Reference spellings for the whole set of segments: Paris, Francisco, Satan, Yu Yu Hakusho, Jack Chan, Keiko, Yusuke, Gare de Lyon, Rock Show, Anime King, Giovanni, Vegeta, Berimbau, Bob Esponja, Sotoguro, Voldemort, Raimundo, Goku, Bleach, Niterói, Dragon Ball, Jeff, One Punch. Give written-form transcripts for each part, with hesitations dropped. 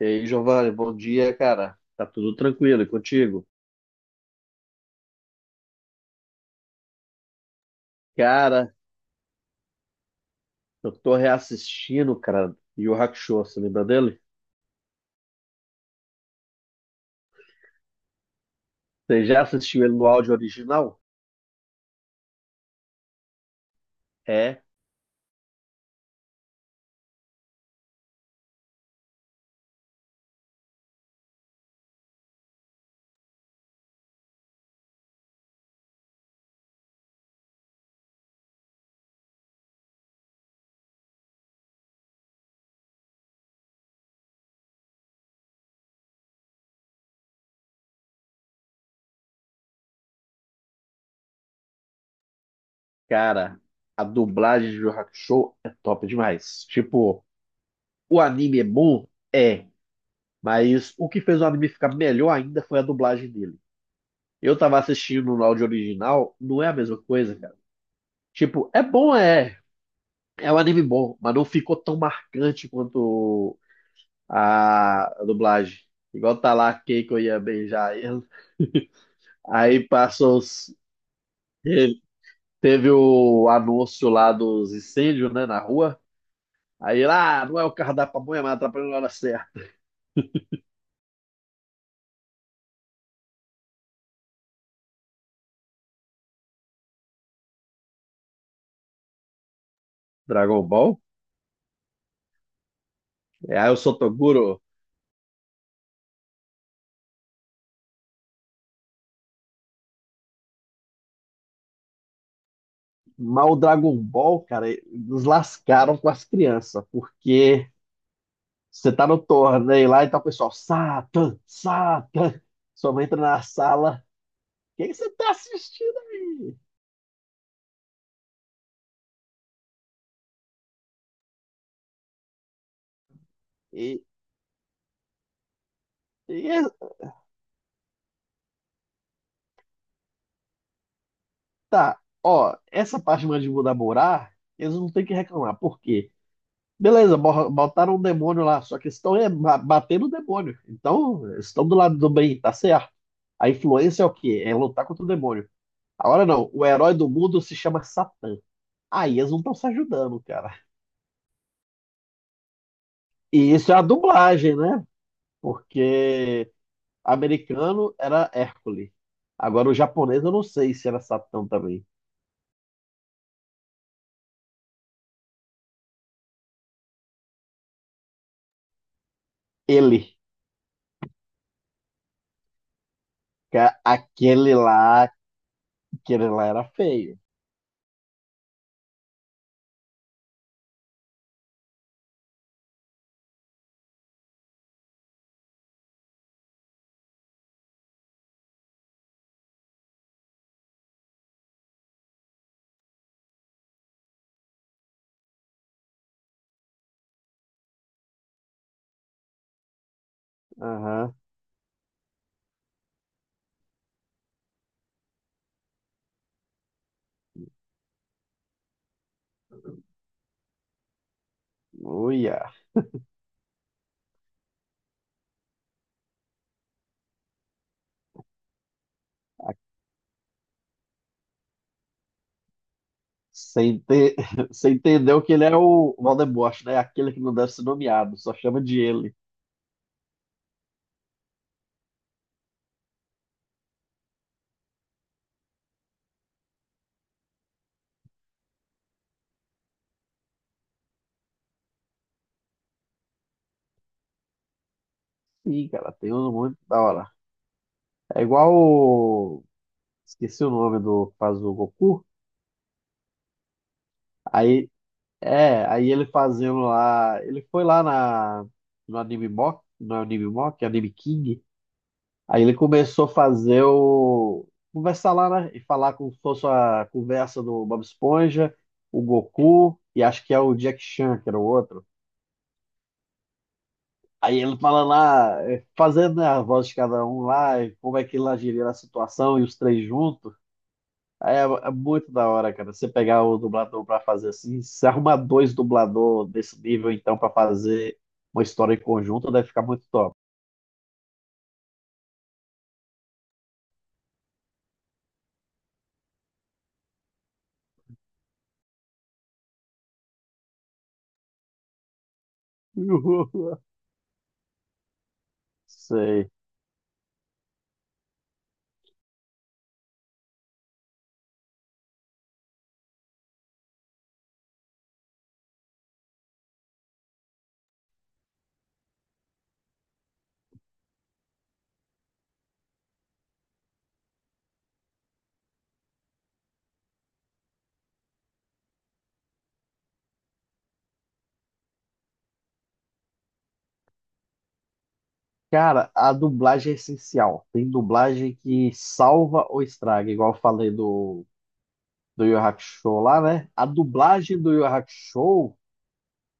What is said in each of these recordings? E aí, Giovanni, bom dia, cara. Tá tudo tranquilo e contigo? Cara, eu tô reassistindo, cara, Yu Yu Hakusho, você lembra dele? Você já assistiu ele no áudio original? É, cara, a dublagem de Yu Yu Hakusho é top demais. Tipo, o anime é bom? É, mas o que fez o anime ficar melhor ainda foi a dublagem dele. Eu tava assistindo no áudio original, não é a mesma coisa, cara. Tipo, é bom, é. É um anime bom, mas não ficou tão marcante quanto a dublagem. Igual tá lá Keiko ia beijar ele. Aí passou os... ele- teve o anúncio lá dos incêndios, né, na rua. Aí lá, ah, não é o carro da pamonha, mas atrapalhou na hora certa. Dragon Ball? É, aí o Sotoguro. Mas o Dragon Ball, cara, nos lascaram com as crianças, porque você tá no torneio lá e tá o pessoal, Satan, Satan. Sua mãe entra na sala. O que que você tá assistindo aí? E, e tá, ó, essa parte mais de mudar morar, eles não têm que reclamar. Por quê? Beleza, botaram um demônio lá, só que eles estão é, batendo o demônio. Então, eles estão do lado do bem, tá certo. A influência é o quê? É lutar contra o demônio. Agora não, o herói do mundo se chama Satã. Aí eles não estão se ajudando, cara. E isso é a dublagem, né? Porque americano era Hércules. Agora o japonês eu não sei se era Satã também. Ele, ca- aquele lá, aquele lá era feio. Aham. Uia. Você ente- Você entendeu que ele é o Voldemort, né? Aquele que não deve ser nomeado, só chama de ele. Sim, cara, tem um muito da hora. É igual o... Esqueci o nome do que faz o Goku. Aí, é, aí ele fazendo lá... Ele foi lá na... no Anime Mock, não é Anime Mock, é Anime King. Aí ele começou a fazer o. Conversar lá, né? E falar como se fosse a conversa do Bob Esponja, o Goku e acho que é o Jack Chan, que era o outro. Aí ele fala lá, fazendo, né, a voz de cada um lá, e como é que ele agiria na situação e os três juntos. Aí é, é muito da hora, cara. Você pegar o dublador pra fazer assim, se arrumar dois dublador desse nível, então, pra fazer uma história em conjunto, deve ficar muito top. Sei. Cara, a dublagem é essencial. Tem dublagem que salva ou estraga, igual eu falei do, do Yu Yu Hakusho lá, né? A dublagem do Yu Yu Hakusho,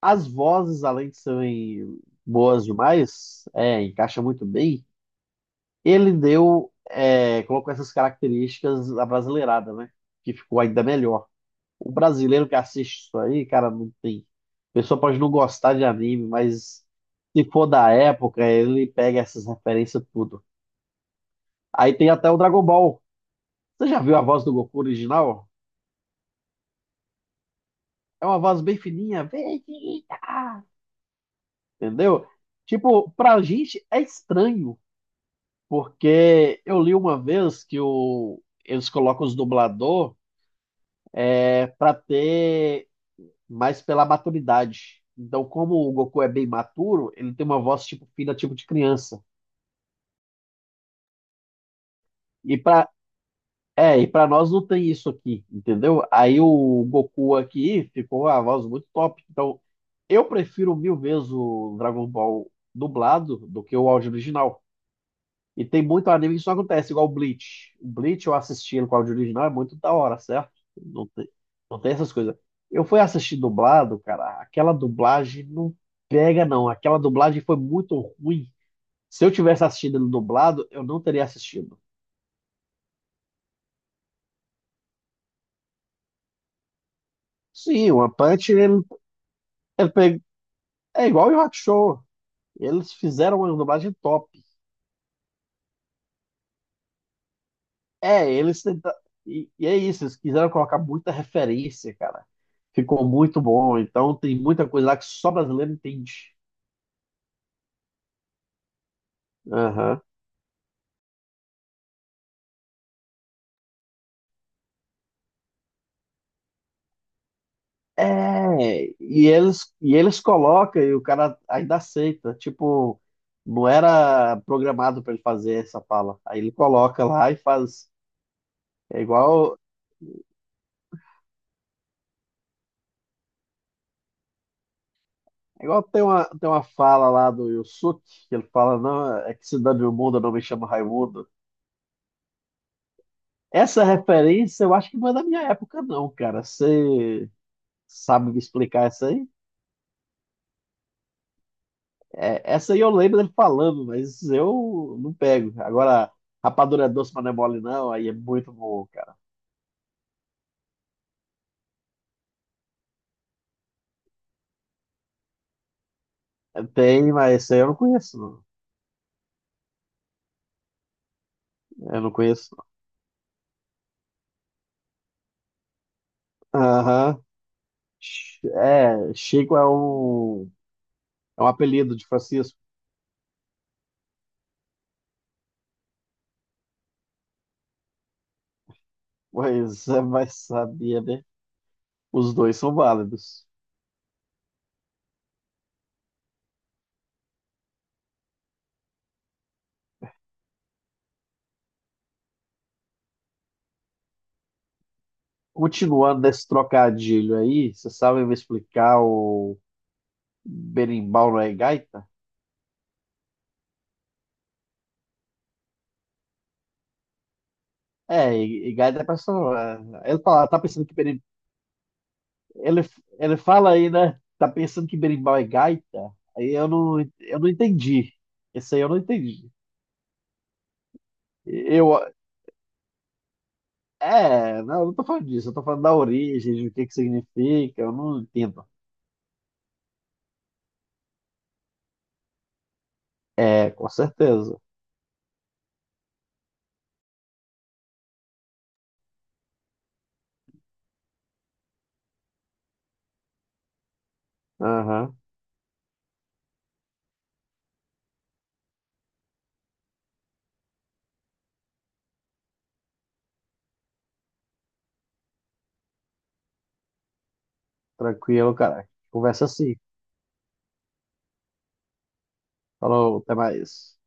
as vozes, além de serem boas demais, é, encaixa muito bem. Ele deu, é, colocou essas características da brasileirada, né? Que ficou ainda melhor. O brasileiro que assiste isso aí, cara, não tem. A pessoa pode não gostar de anime, mas se for da época, ele pega essas referências tudo. Aí tem até o Dragon Ball. Você já viu a voz do Goku original? É uma voz bem fininha, Vegeta! Entendeu? Tipo, pra gente é estranho, porque eu li uma vez que o, eles colocam os dublador é, pra ter mais pela maturidade. Então, como o Goku é bem maturo, ele tem uma voz tipo fina, tipo de criança. E pra É, e pra nós não tem isso aqui, entendeu? Aí o Goku aqui ficou a voz muito top. Então, eu prefiro mil vezes o Dragon Ball dublado do que o áudio original. E tem muito anime que isso acontece, igual o Bleach. O Bleach eu assisti ele com o áudio original, é muito da hora, certo? Não tem, não tem essas coisas. Eu fui assistir dublado, cara, aquela dublagem não pega, não. Aquela dublagem foi muito ruim. Se eu tivesse assistido ele dublado, eu não teria assistido. Sim, o One Punch, ele pegou. É igual o Rock Show. Eles fizeram uma dublagem top. É, eles tenta... e é isso, eles quiseram colocar muita referência, cara. Ficou muito bom. Então tem muita coisa lá que só brasileiro entende. Aham. É, e eles colocam e o cara ainda aceita. Tipo, não era programado pra ele fazer essa fala. Aí ele coloca lá e faz. É igual, é igual tem uma fala lá do Yusuke, que ele fala, não, é que cidade do mundo não me chama Raimundo. Essa referência eu acho que não é da minha época, não, cara. Você sabe me explicar essa aí? É, essa aí eu lembro dele falando, mas eu não pego. Agora, rapadura é doce, mas não é mole, não. Aí é muito bom, cara. É, tem, mas essa aí eu não conheço, não. Eu não conheço. Não. Aham. É, Chico é um apelido de Francisco. Pois é, mas sabia, né? Os dois são válidos. Continuando nesse trocadilho aí, você sabe me explicar o. Berimbau não é gaita? É, e gaita é pessoa. É, ele fala, tá pensando que ele, ele fala aí, né? Tá pensando que berimbau é gaita? Aí eu não entendi. Esse aí eu não entendi. Eu, é, não, eu não tô falando disso, eu tô falando da origem, de o que que significa, eu não entendo. É, com certeza. Aham, tranquilo, cara. Conversa assim. Falou, até mais.